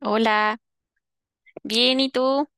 Hola, bien, ¿y tú?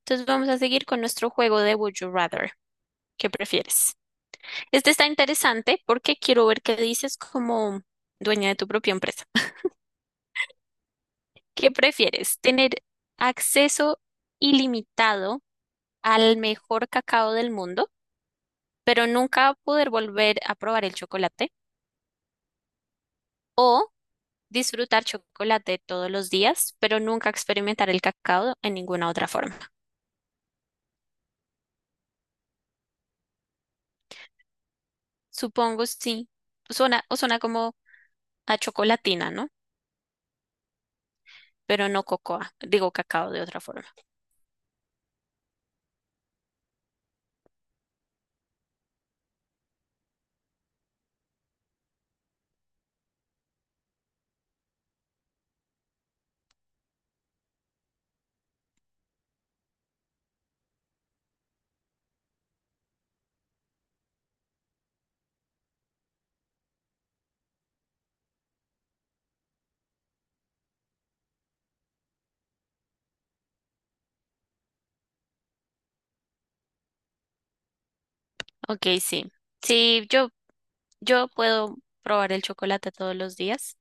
Entonces vamos a seguir con nuestro juego de Would You Rather. ¿Qué prefieres? Este está interesante porque quiero ver qué dices como dueña de tu propia empresa. ¿Qué prefieres? ¿Tener acceso ilimitado al mejor cacao del mundo, pero nunca poder volver a probar el chocolate? ¿O disfrutar chocolate todos los días, pero nunca experimentar el cacao en ninguna otra forma? Supongo sí. Suena, o suena como a chocolatina, ¿no? Pero no cocoa, digo cacao de otra forma. Ok, sí. Sí, yo puedo probar el chocolate todos los días,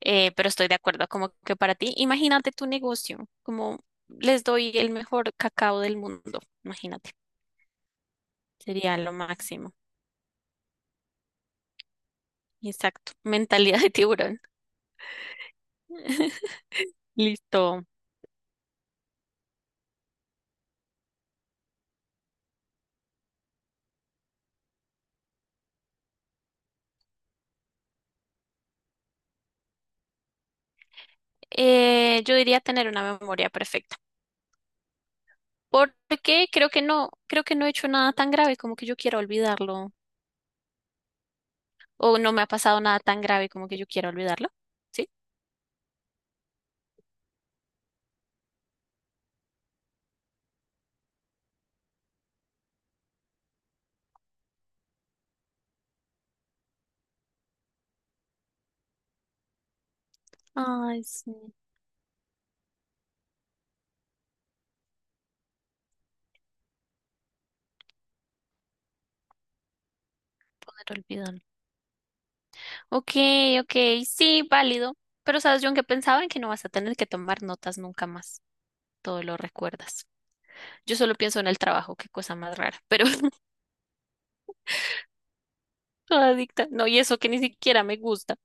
pero estoy de acuerdo, como que para ti, imagínate tu negocio, como les doy el mejor cacao del mundo, imagínate, sería lo máximo. Exacto, mentalidad de tiburón. Listo. Yo diría tener una memoria perfecta, porque creo que no he hecho nada tan grave como que yo quiera olvidarlo o no me ha pasado nada tan grave como que yo quiera olvidarlo. ¿Sí? Ay, sí, poder olvidarlo. Ok, ok, sí, válido. Pero sabes, yo que pensaba en que no vas a tener que tomar notas nunca más. Todo lo recuerdas. Yo solo pienso en el trabajo, qué cosa más rara. Pero toda adicta. No, y eso que ni siquiera me gusta.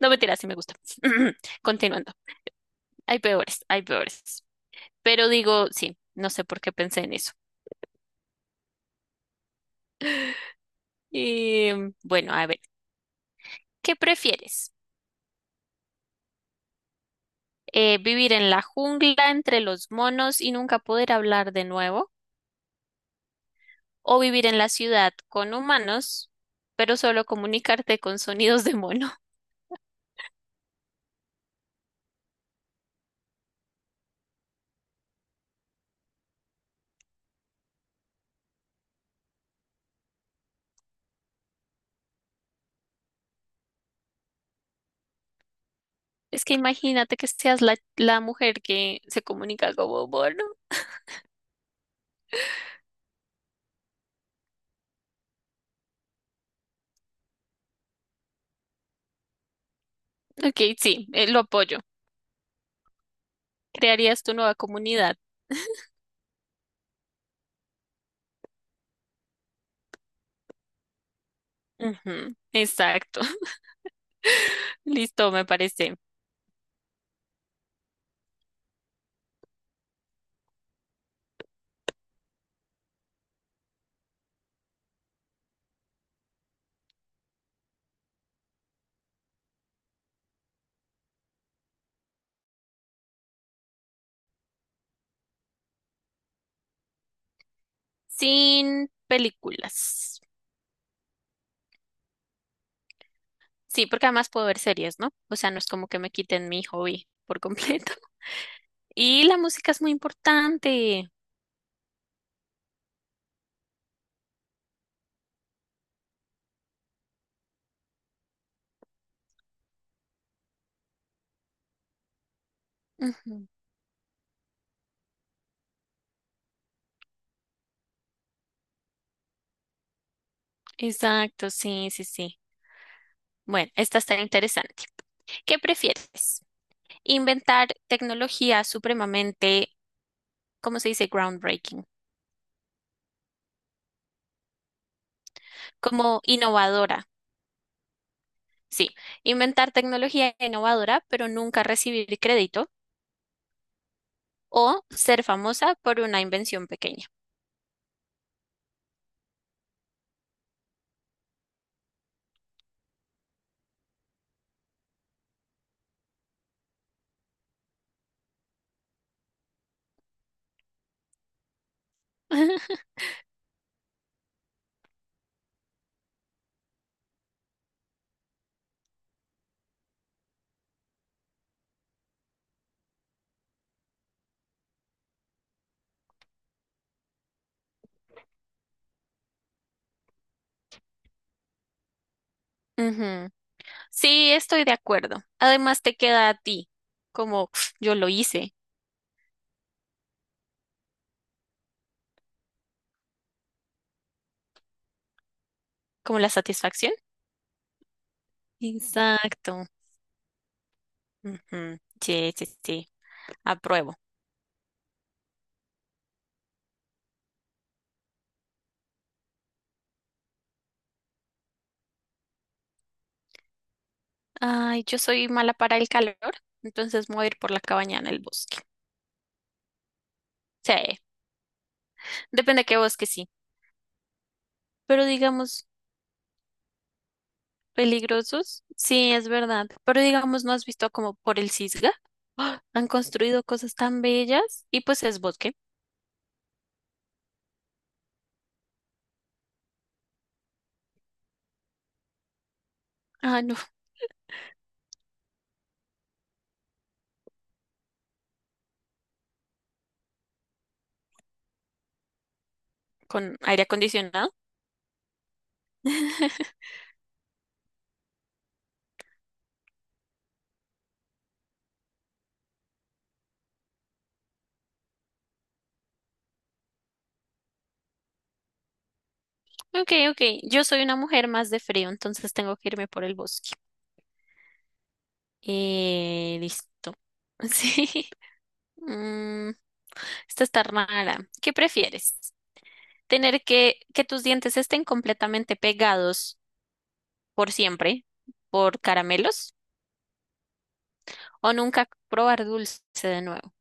No, mentira, sí me gusta. Continuando. Hay peores, hay peores. Pero digo, sí, no sé por qué pensé en eso. Y bueno, a ver, ¿qué prefieres? ¿Vivir en la jungla entre los monos y nunca poder hablar de nuevo? ¿O vivir en la ciudad con humanos, pero solo comunicarte con sonidos de mono? Es que imagínate que seas la mujer que se comunica como mono. Ok, sí, lo apoyo. ¿Crearías tu nueva comunidad? Ujú, exacto. Listo, me parece. Sin películas. Sí, porque además puedo ver series, ¿no? O sea, no es como que me quiten mi hobby por completo. Y la música es muy importante. Ujú, exacto, sí, sí, sí. Bueno, esta está interesante. ¿Qué prefieres? Inventar tecnología supremamente, ¿cómo se dice? Groundbreaking, como innovadora. Sí, inventar tecnología innovadora, pero nunca recibir crédito o ser famosa por una invención pequeña. Ujú. Sí, estoy de acuerdo. Además, te queda a ti, como "Uf, yo lo hice", como la satisfacción. Exacto. Ujú. Sí, sí, sí, apruebo. Ay, yo soy mala para el calor, entonces me voy a ir por la cabaña en el bosque. Sí, depende de qué bosque, sí. Pero digamos, peligrosos, sí, es verdad. Pero digamos, ¿no has visto como por el Cisga? ¡Ah! Han construido cosas tan bellas y pues es bosque. Ah, no, con aire acondicionado. Ok, ok. Yo soy una mujer más de frío, entonces tengo que irme por el bosque. Listo. Sí. Mm, Esta está rara. ¿Qué prefieres? ¿Tener que tus dientes estén completamente pegados por siempre por caramelos? ¿O nunca probar dulce de nuevo?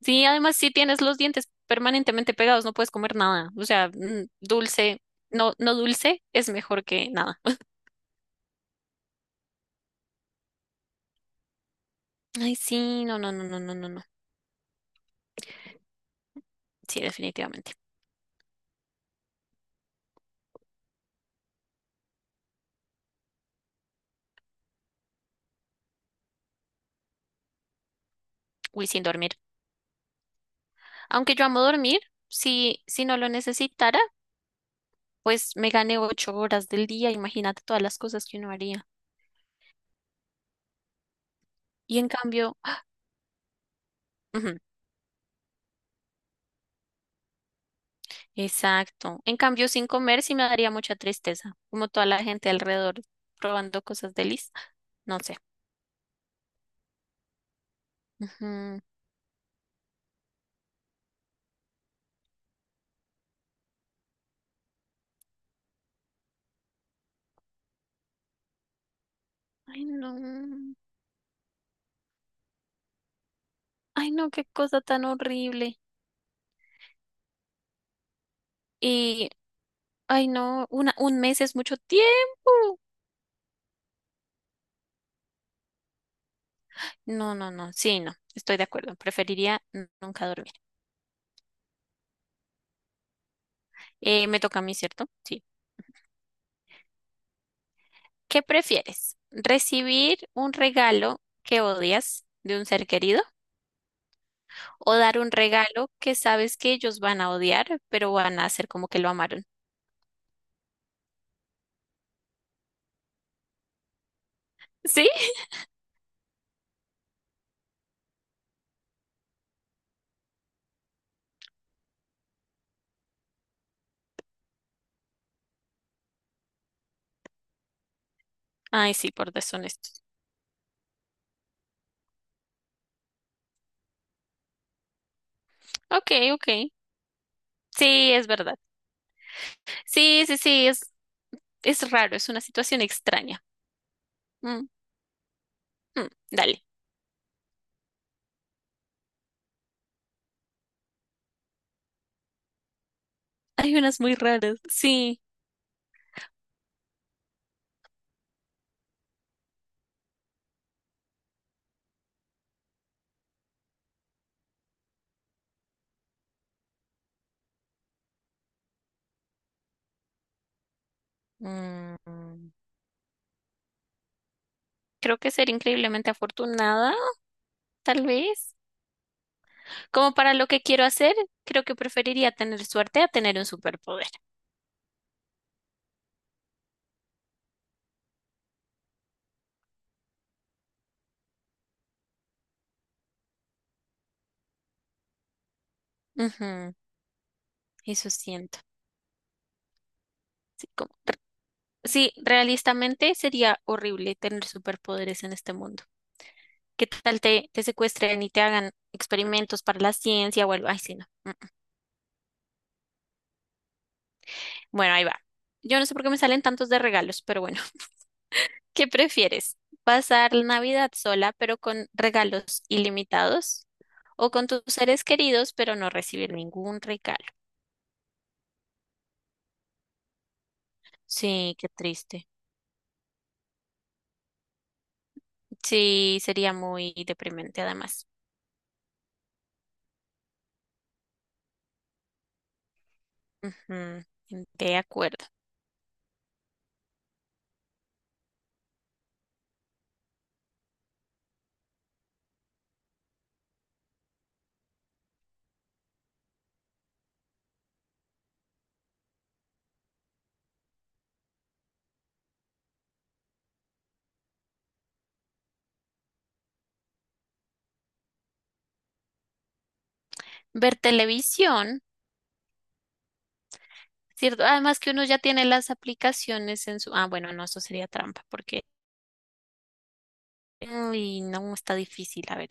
Sí, además si tienes los dientes permanentemente pegados, no puedes comer nada. O sea, dulce, no, no, dulce es mejor que nada. Ay, sí, no, no, no, no, no, no, no. Sí, definitivamente. Uy, sin dormir. Aunque yo amo dormir, si, si no lo necesitara, pues me gané 8 horas del día. Imagínate todas las cosas que uno haría. Y en cambio, ujú, exacto. En cambio, sin comer sí me daría mucha tristeza, como toda la gente alrededor probando cosas delis. No sé. Ujú. Ay, no. Ay, no, qué cosa tan horrible. Y, ay, no, una, un mes es mucho tiempo. No, no, no, sí, no, estoy de acuerdo. Preferiría nunca dormir. Me toca a mí, ¿cierto? Sí. ¿Qué prefieres? ¿Recibir un regalo que odias de un ser querido o dar un regalo que sabes que ellos van a odiar, pero van a hacer como que lo amaron? ¿Sí? Ay, sí, por deshonestos. Ok, ok. Sí, es verdad. Sí, sí, sí, es raro, es una situación extraña. Mm, Dale. Hay unas muy raras. Sí. Mm, Creo que ser increíblemente afortunada, tal vez. Como para lo que quiero hacer, creo que preferiría tener suerte a tener un superpoder. Ujú, eso siento. Sí, como sí, realistamente sería horrible tener superpoderes en este mundo. ¿Qué tal te secuestren y te hagan experimentos para la ciencia o algo? Ay, sí, no. Mm. Bueno, ahí va. Yo no sé por qué me salen tantos de regalos, pero bueno, ¿qué prefieres? ¿Pasar la Navidad sola, pero con regalos ilimitados? ¿O con tus seres queridos, pero no recibir ningún regalo? Sí, qué triste. Sí, sería muy deprimente además. Ujú, de acuerdo. Ver televisión. Cierto, además que uno ya tiene las aplicaciones en su... Ah, bueno, no, eso sería trampa, porque... Uy, no, está difícil, a ver.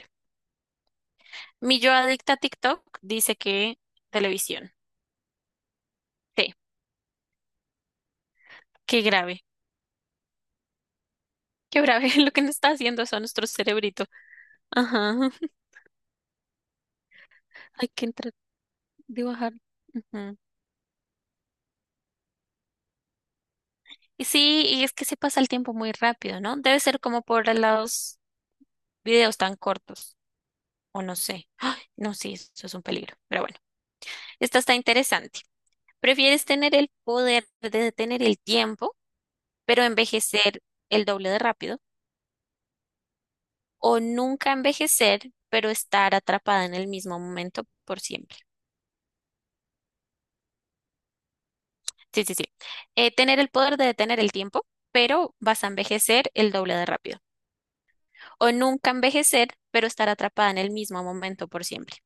Mi yo adicta a TikTok dice que televisión. Sí, qué grave, qué grave lo que nos está haciendo eso a nuestro cerebrito. Ajá, hay que entrar, dibujar. Ujú. Y sí, y es que se pasa el tiempo muy rápido, ¿no? Debe ser como por los videos tan cortos, o no sé. ¡Ay! No, sí, eso es un peligro, pero bueno, esta está interesante. ¿Prefieres tener el poder de detener el tiempo, pero envejecer el doble de rápido? ¿O nunca envejecer, pero estar atrapada en el mismo momento por siempre? Sí, sí, sí. Tener el poder de detener el tiempo, pero vas a envejecer el doble de rápido. ¿O nunca envejecer, pero estar atrapada en el mismo momento por siempre?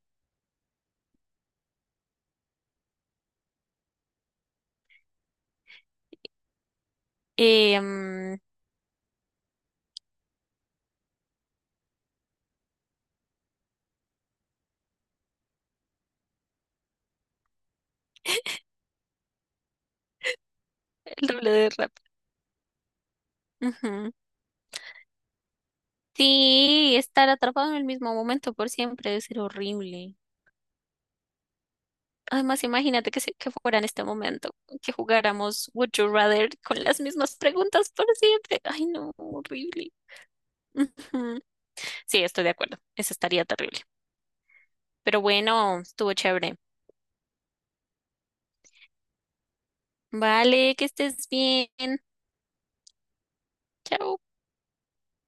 Eh, mm, el doble de rápido. Ujú. Sí, estar atrapado en el mismo momento por siempre debe ser horrible. Además, imagínate que, que fuera en este momento, que jugáramos Would You Rather con las mismas preguntas por siempre. Ay, no, horrible. Ujú. Sí, estoy de acuerdo. Eso estaría terrible. Pero bueno, estuvo chévere. Vale, que estés bien. Chao.